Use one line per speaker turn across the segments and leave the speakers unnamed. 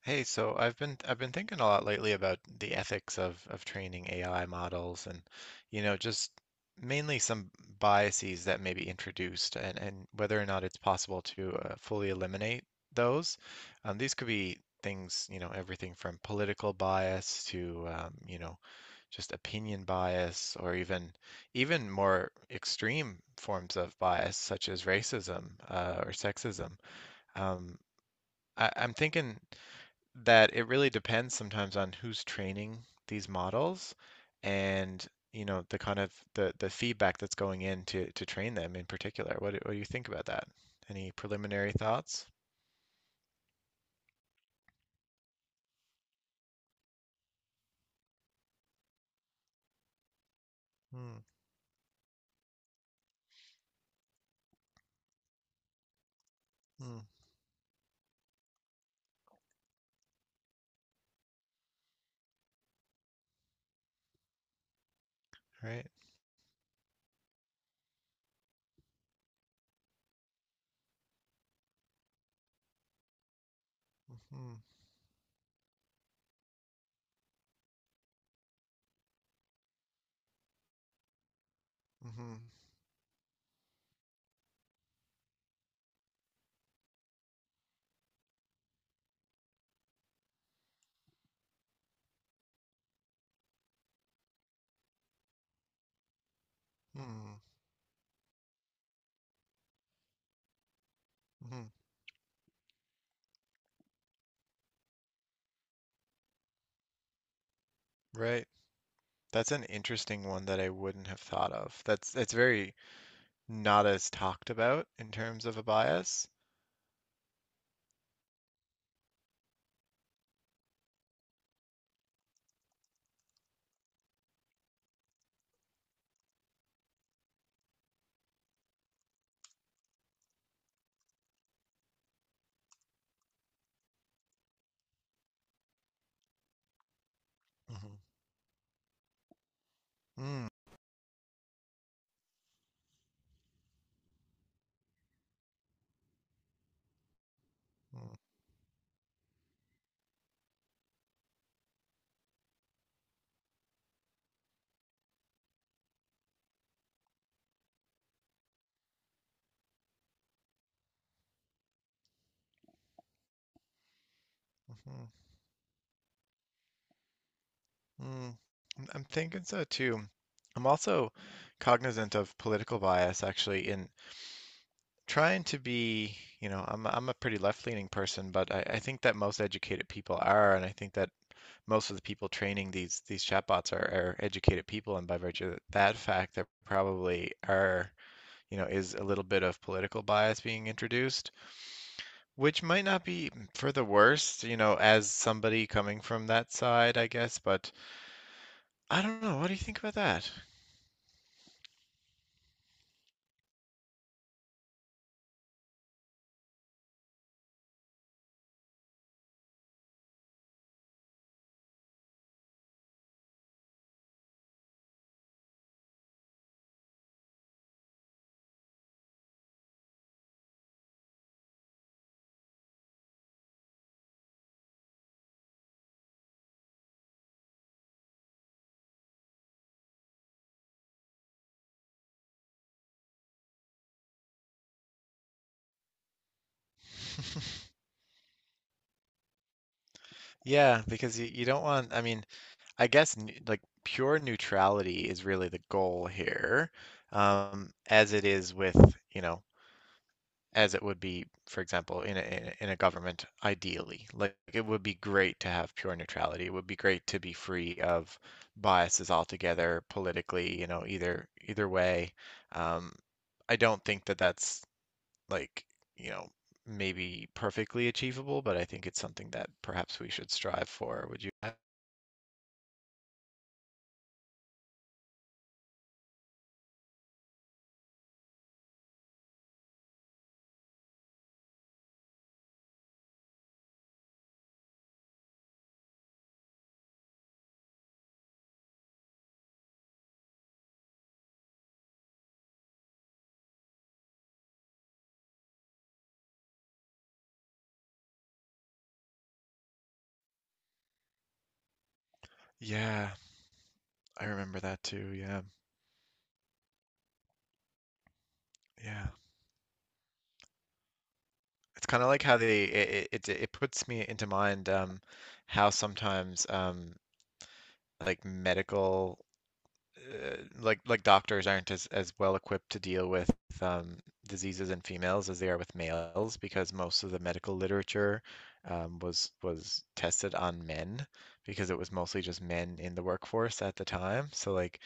Hey, so I've been thinking a lot lately about the ethics of training AI models, and you know just mainly some biases that may be introduced, and whether or not it's possible to fully eliminate those. These could be things, everything from political bias to just opinion bias, or even more extreme forms of bias such as racism or sexism. Um, I'm thinking that it really depends sometimes on who's training these models, and the kind of the feedback that's going in to train them in particular. What do you think about that? Any preliminary thoughts? Mm, mm, right. Mm-hmm, mm-hmm, mm, hmm mm-hmm. Right. That's an interesting one that I wouldn't have thought of. That's very not as talked about in terms of a bias. Mm-hmm. Mm, mm, mm-hmm, mm. I'm thinking so too. I'm also cognizant of political bias, actually. In trying to be, you know, I'm a pretty left-leaning person, but I think that most educated people are, and I think that most of the people training these chatbots are educated people, and by virtue of that fact, there probably are, you know, is a little bit of political bias being introduced, which might not be for the worst, you know, as somebody coming from that side, I guess. But I don't know. What do you think about that? Yeah, because you don't want, I mean, I guess n like pure neutrality is really the goal here, as it is with, you know, as it would be, for example, in a government, ideally. Like, it would be great to have pure neutrality. It would be great to be free of biases altogether politically, you know, either way. Um, I don't think that that's like, you know, maybe perfectly achievable, but I think it's something that perhaps we should strive for. Would you? Yeah, I remember that too. Yeah, yeah. It's kind of like how they it puts me into mind, how sometimes, like medical, like doctors aren't as well equipped to deal with um diseases in females as they are with males, because most of the medical literature was tested on men because it was mostly just men in the workforce at the time. So like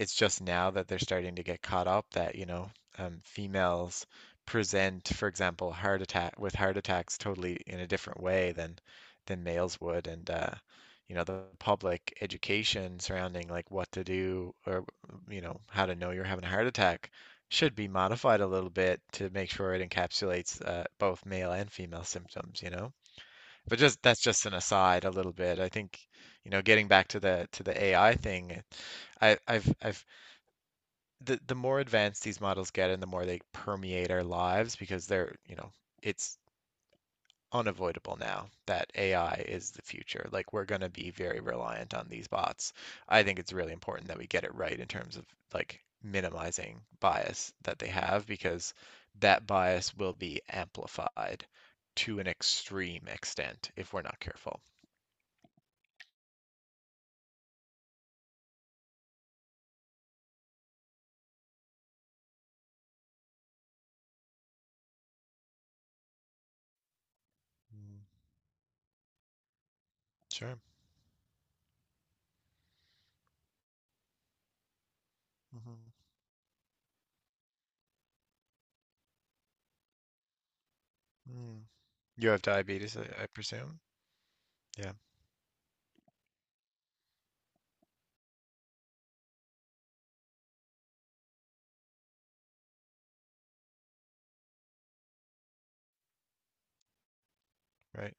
it's just now that they're starting to get caught up that, you know, females present, for example, heart attack with heart attacks, totally in a different way than males would. And you know, the public education surrounding like what to do, or you know, how to know you're having a heart attack, should be modified a little bit to make sure it encapsulates both male and female symptoms, you know. But just, that's just an aside a little bit. I think, you know, getting back to the AI thing, I, I've the more advanced these models get and the more they permeate our lives, because they're, you know, it's unavoidable now that AI is the future. Like, we're going to be very reliant on these bots. I think it's really important that we get it right in terms of like minimizing bias that they have, because that bias will be amplified to an extreme extent if we're not careful. Mm. Sure. Hmm. Mm. You have diabetes, I presume? Yeah, right.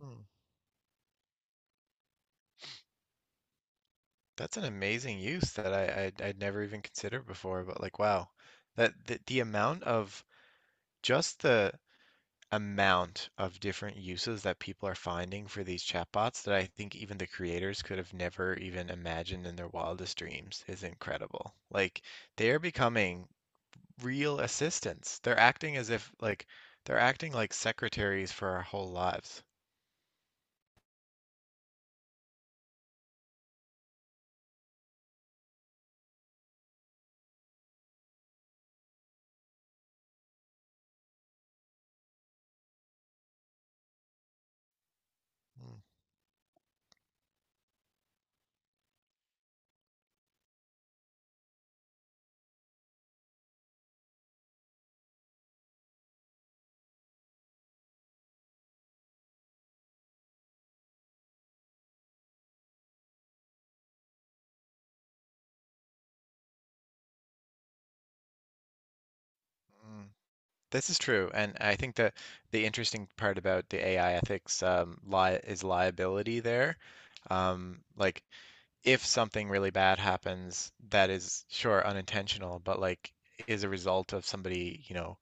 Hmm. That's an amazing use that I I'd never even considered before, but like, wow. That the amount of just the amount of different uses that people are finding for these chatbots that I think even the creators could have never even imagined in their wildest dreams is incredible. Like, they are becoming real assistants. They're acting as if like they're acting like secretaries for our whole lives. Mm. Mm. This is true, and I think that the interesting part about the AI ethics, li is liability there. Like, if something really bad happens, that is sure unintentional, but like is a result of somebody, you know,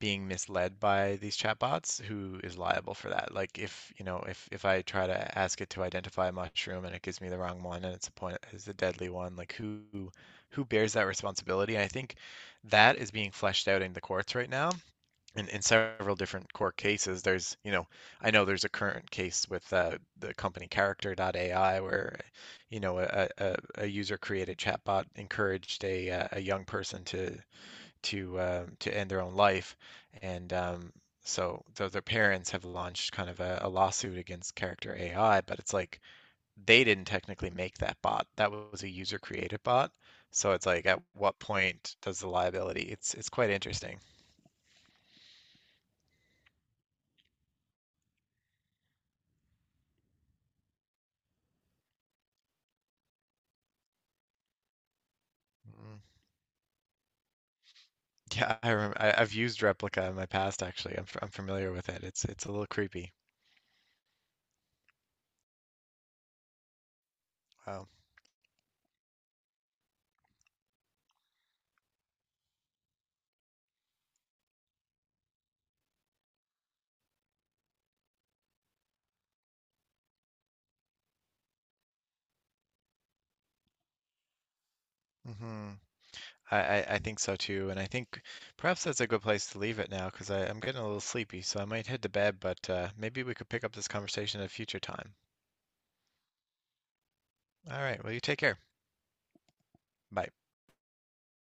being misled by these chatbots, who is liable for that? Like, if you know, if I try to ask it to identify a mushroom and it gives me the wrong one, and it's a point is a deadly one, like, who bears that responsibility? And I think that is being fleshed out in the courts right now, in several different court cases. There's, you know, I know there's a current case with the company Character AI, where you know a user created chatbot encouraged a young person to end their own life. And So so their parents have launched kind of a lawsuit against Character AI, but it's like they didn't technically make that bot. That was a user created bot. So it's like, at what point does the liability? It's quite interesting. Mm. Yeah, I've used Replica in my past, actually. I'm familiar with it. It's a little creepy. Wow. Hmm. I I think so too, and I think perhaps that's a good place to leave it now, because I'm getting a little sleepy, so I might head to bed, but maybe we could pick up this conversation at a future time. All right, well, you take care. Bye.